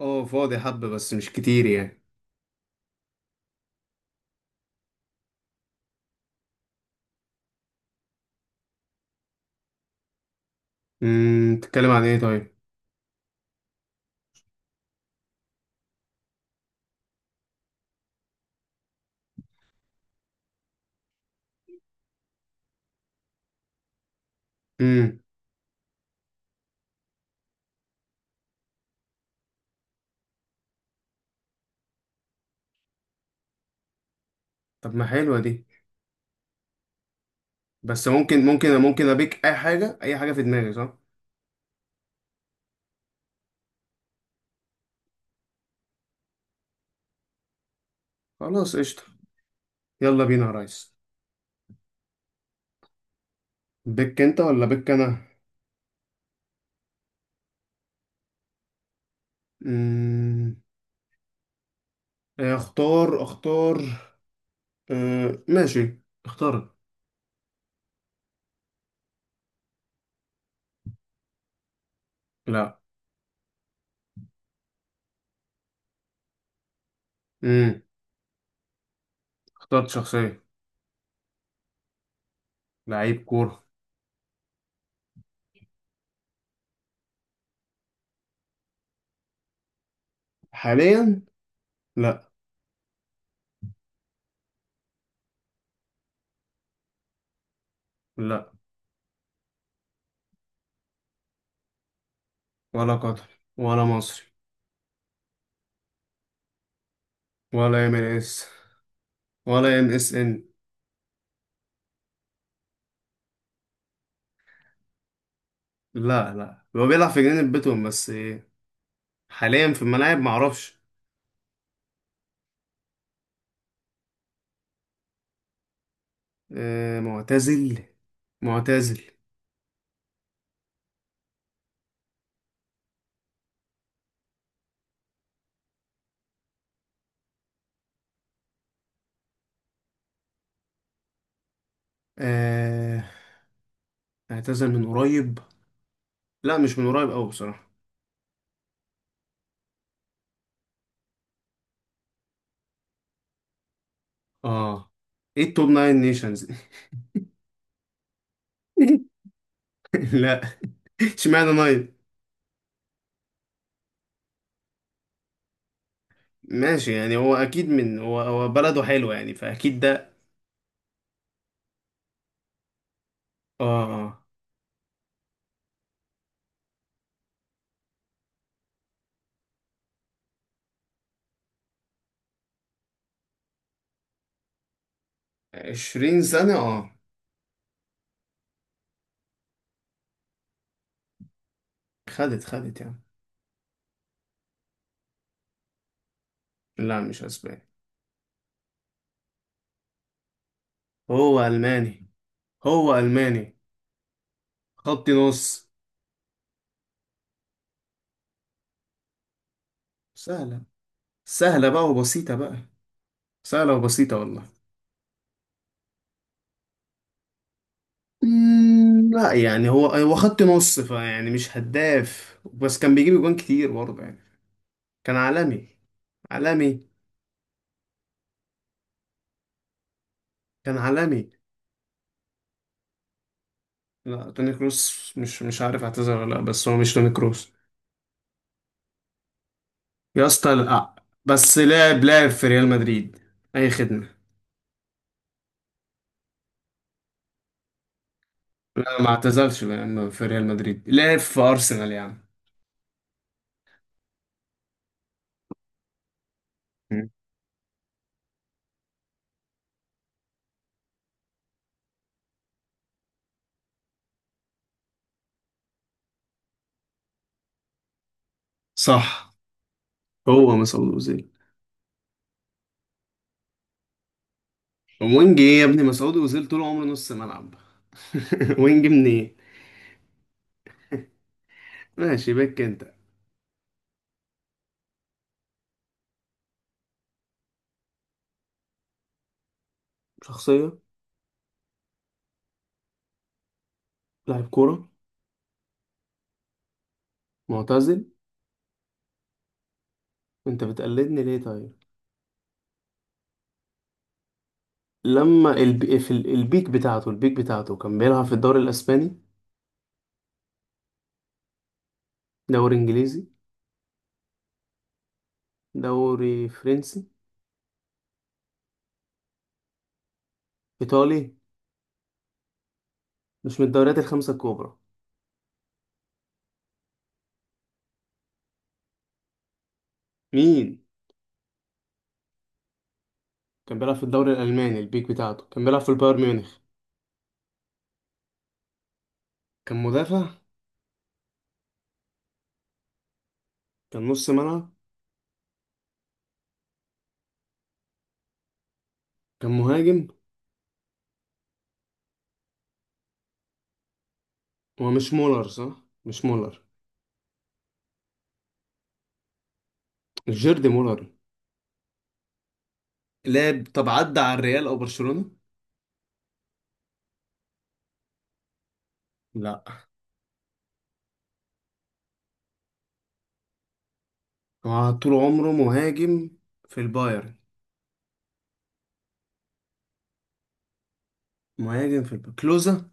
اه، فاضي حبة بس مش كتير يعني. تتكلم عن ايه طيب؟ امم. طب ما حلوة دي. بس ممكن ابيك اي حاجة اي حاجة في دماغي، صح؟ خلاص قشطة. يلا بينا يا ريس. بيك انت ولا بيك انا؟ امم. اختار اختار. اه ماشي. اختار. لا. امم. اخترت شخصية. لعيب كورة. حاليا. لا. لا ولا قطر ولا مصري. ولا ام اس. ولا ام اس ان. لا لا، هو بيلعب في جنينة بيتهم بس إيه؟ حاليا في الملاعب معرفش. آه، معتزل. معتزل. آه، اعتزل من قريب. لا مش من قريب قوي بصراحة. اه. ايه التوب ناين نيشنز؟ لا. اشمعنى ناين؟ ماشي، يعني هو اكيد من هو بلده حلو يعني فاكيد ده. اه. آه. 20 سنة اه. خدت يعني. لا مش اسباني. هو الماني. هو الماني. خط نص. سهلة. سهلة بقى وبسيطة بقى. سهلة وبسيطة والله. مم، لا، يعني هو هو خط نص فيعني مش هداف بس كان بيجيب جوان كتير برضه يعني. كان عالمي. عالمي. كان عالمي. لا، توني كروس مش عارف اعتذر ولا لا بس هو مش توني كروس. يا اسطى لا. بس لعب في ريال مدريد. اي خدمة. لا، ما اعتزلش يا عم في ريال مدريد، لعب في ارسنال يا عم. مم. صح. هو مسعود اوزيل. وينج ايه يا ابني؟ مسعود اوزيل طول عمره نص ملعب. وينج منين؟ ماشي بك انت. شخصية. لاعب كورة. معتزل. انت بتقلدني ليه طيب؟ لما البيك بتاعته كان بيلعب في الدوري الاسباني. دوري انجليزي. دوري فرنسي. ايطالي. مش من الدوريات الخمسه الكبرى. مين؟ كان بيلعب في الدوري الالماني. البيك بتاعته كان بيلعب في البايرن ميونخ. كان مدافع. كان نص ملعب. كان مهاجم. هو مش مولر، صح؟ مش مولر. مش جيرد مولر. لعب؟ طب عدى على الريال او برشلونه؟ لا. هو طول عمره مهاجم في البايرن. مهاجم في البايرن، كلوزا.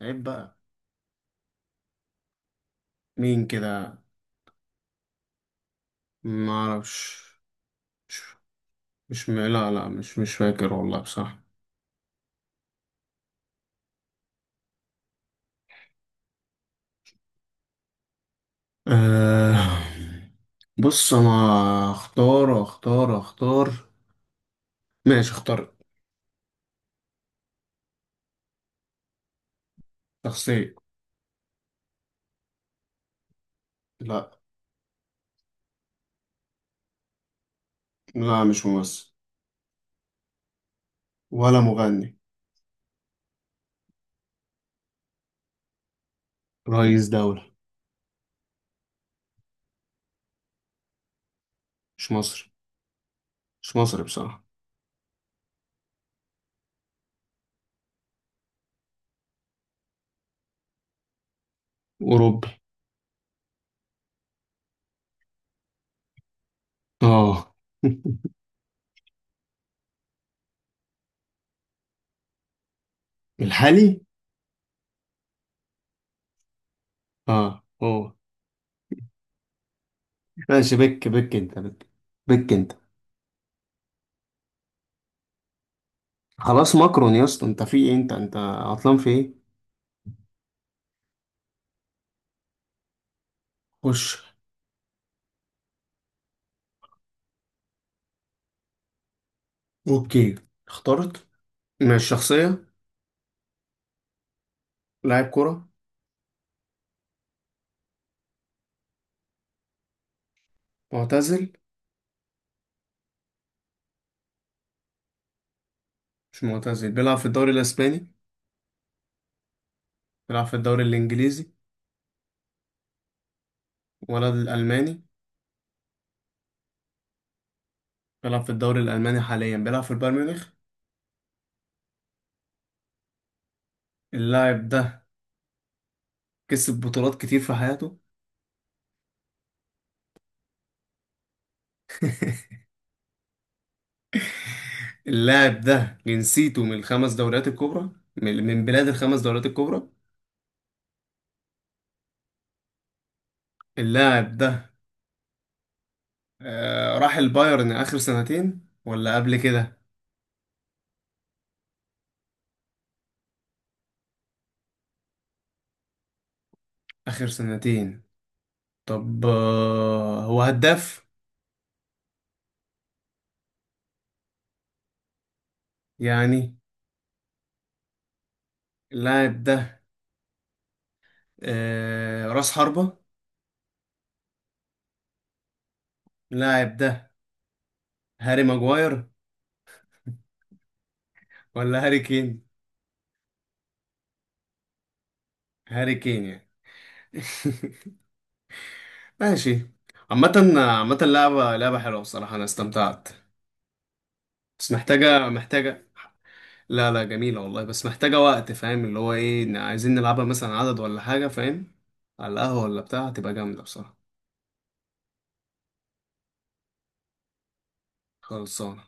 عيب بقى. مين كده؟ ما اعرفش. مش مش م... لا لا، مش فاكر والله بصراحة. أه... بص انا اختار اختار اختار. ماشي اختار. شخصية. لا. لا مش ممثل. ولا مغني. رئيس دولة. مش مصري. مش مصري بصراحة. أوروبي. اه. الحالي؟ اه هو. ماشي بك انت بك. بك انت. خلاص ماكرون، يا اسطى انت في ايه؟ انت عطلان في ايه؟ خش. اوكي اخترت. ماشي شخصية. لاعب كرة. معتزل. مش معتزل. بيلعب في الدوري الاسباني. بيلعب في الدوري الانجليزي. ولد الالماني. بيلعب في الدوري الالماني حاليا، بيلعب في البايرن ميونخ. اللاعب ده كسب بطولات كتير في حياته. اللاعب ده جنسيته من الخمس دوريات الكبرى. من بلاد الخمس دوريات الكبرى. اللاعب ده راح البايرن اخر سنتين ولا قبل كده؟ اخر سنتين. طب هو هداف يعني؟ اللاعب ده راس حربة. اللاعب ده هاري ماجواير ولا هاري كين؟ هاري كين يعني. ماشي. عامة عامة لعبة حلوة بصراحة أنا استمتعت. بس محتاجة. لا لا، جميلة والله بس محتاجة وقت. فاهم اللي هو إيه إن عايزين نلعبها مثلا عدد ولا حاجة؟ فاهم؟ على القهوة ولا بتاع هتبقى جامدة بصراحة. خلصانة.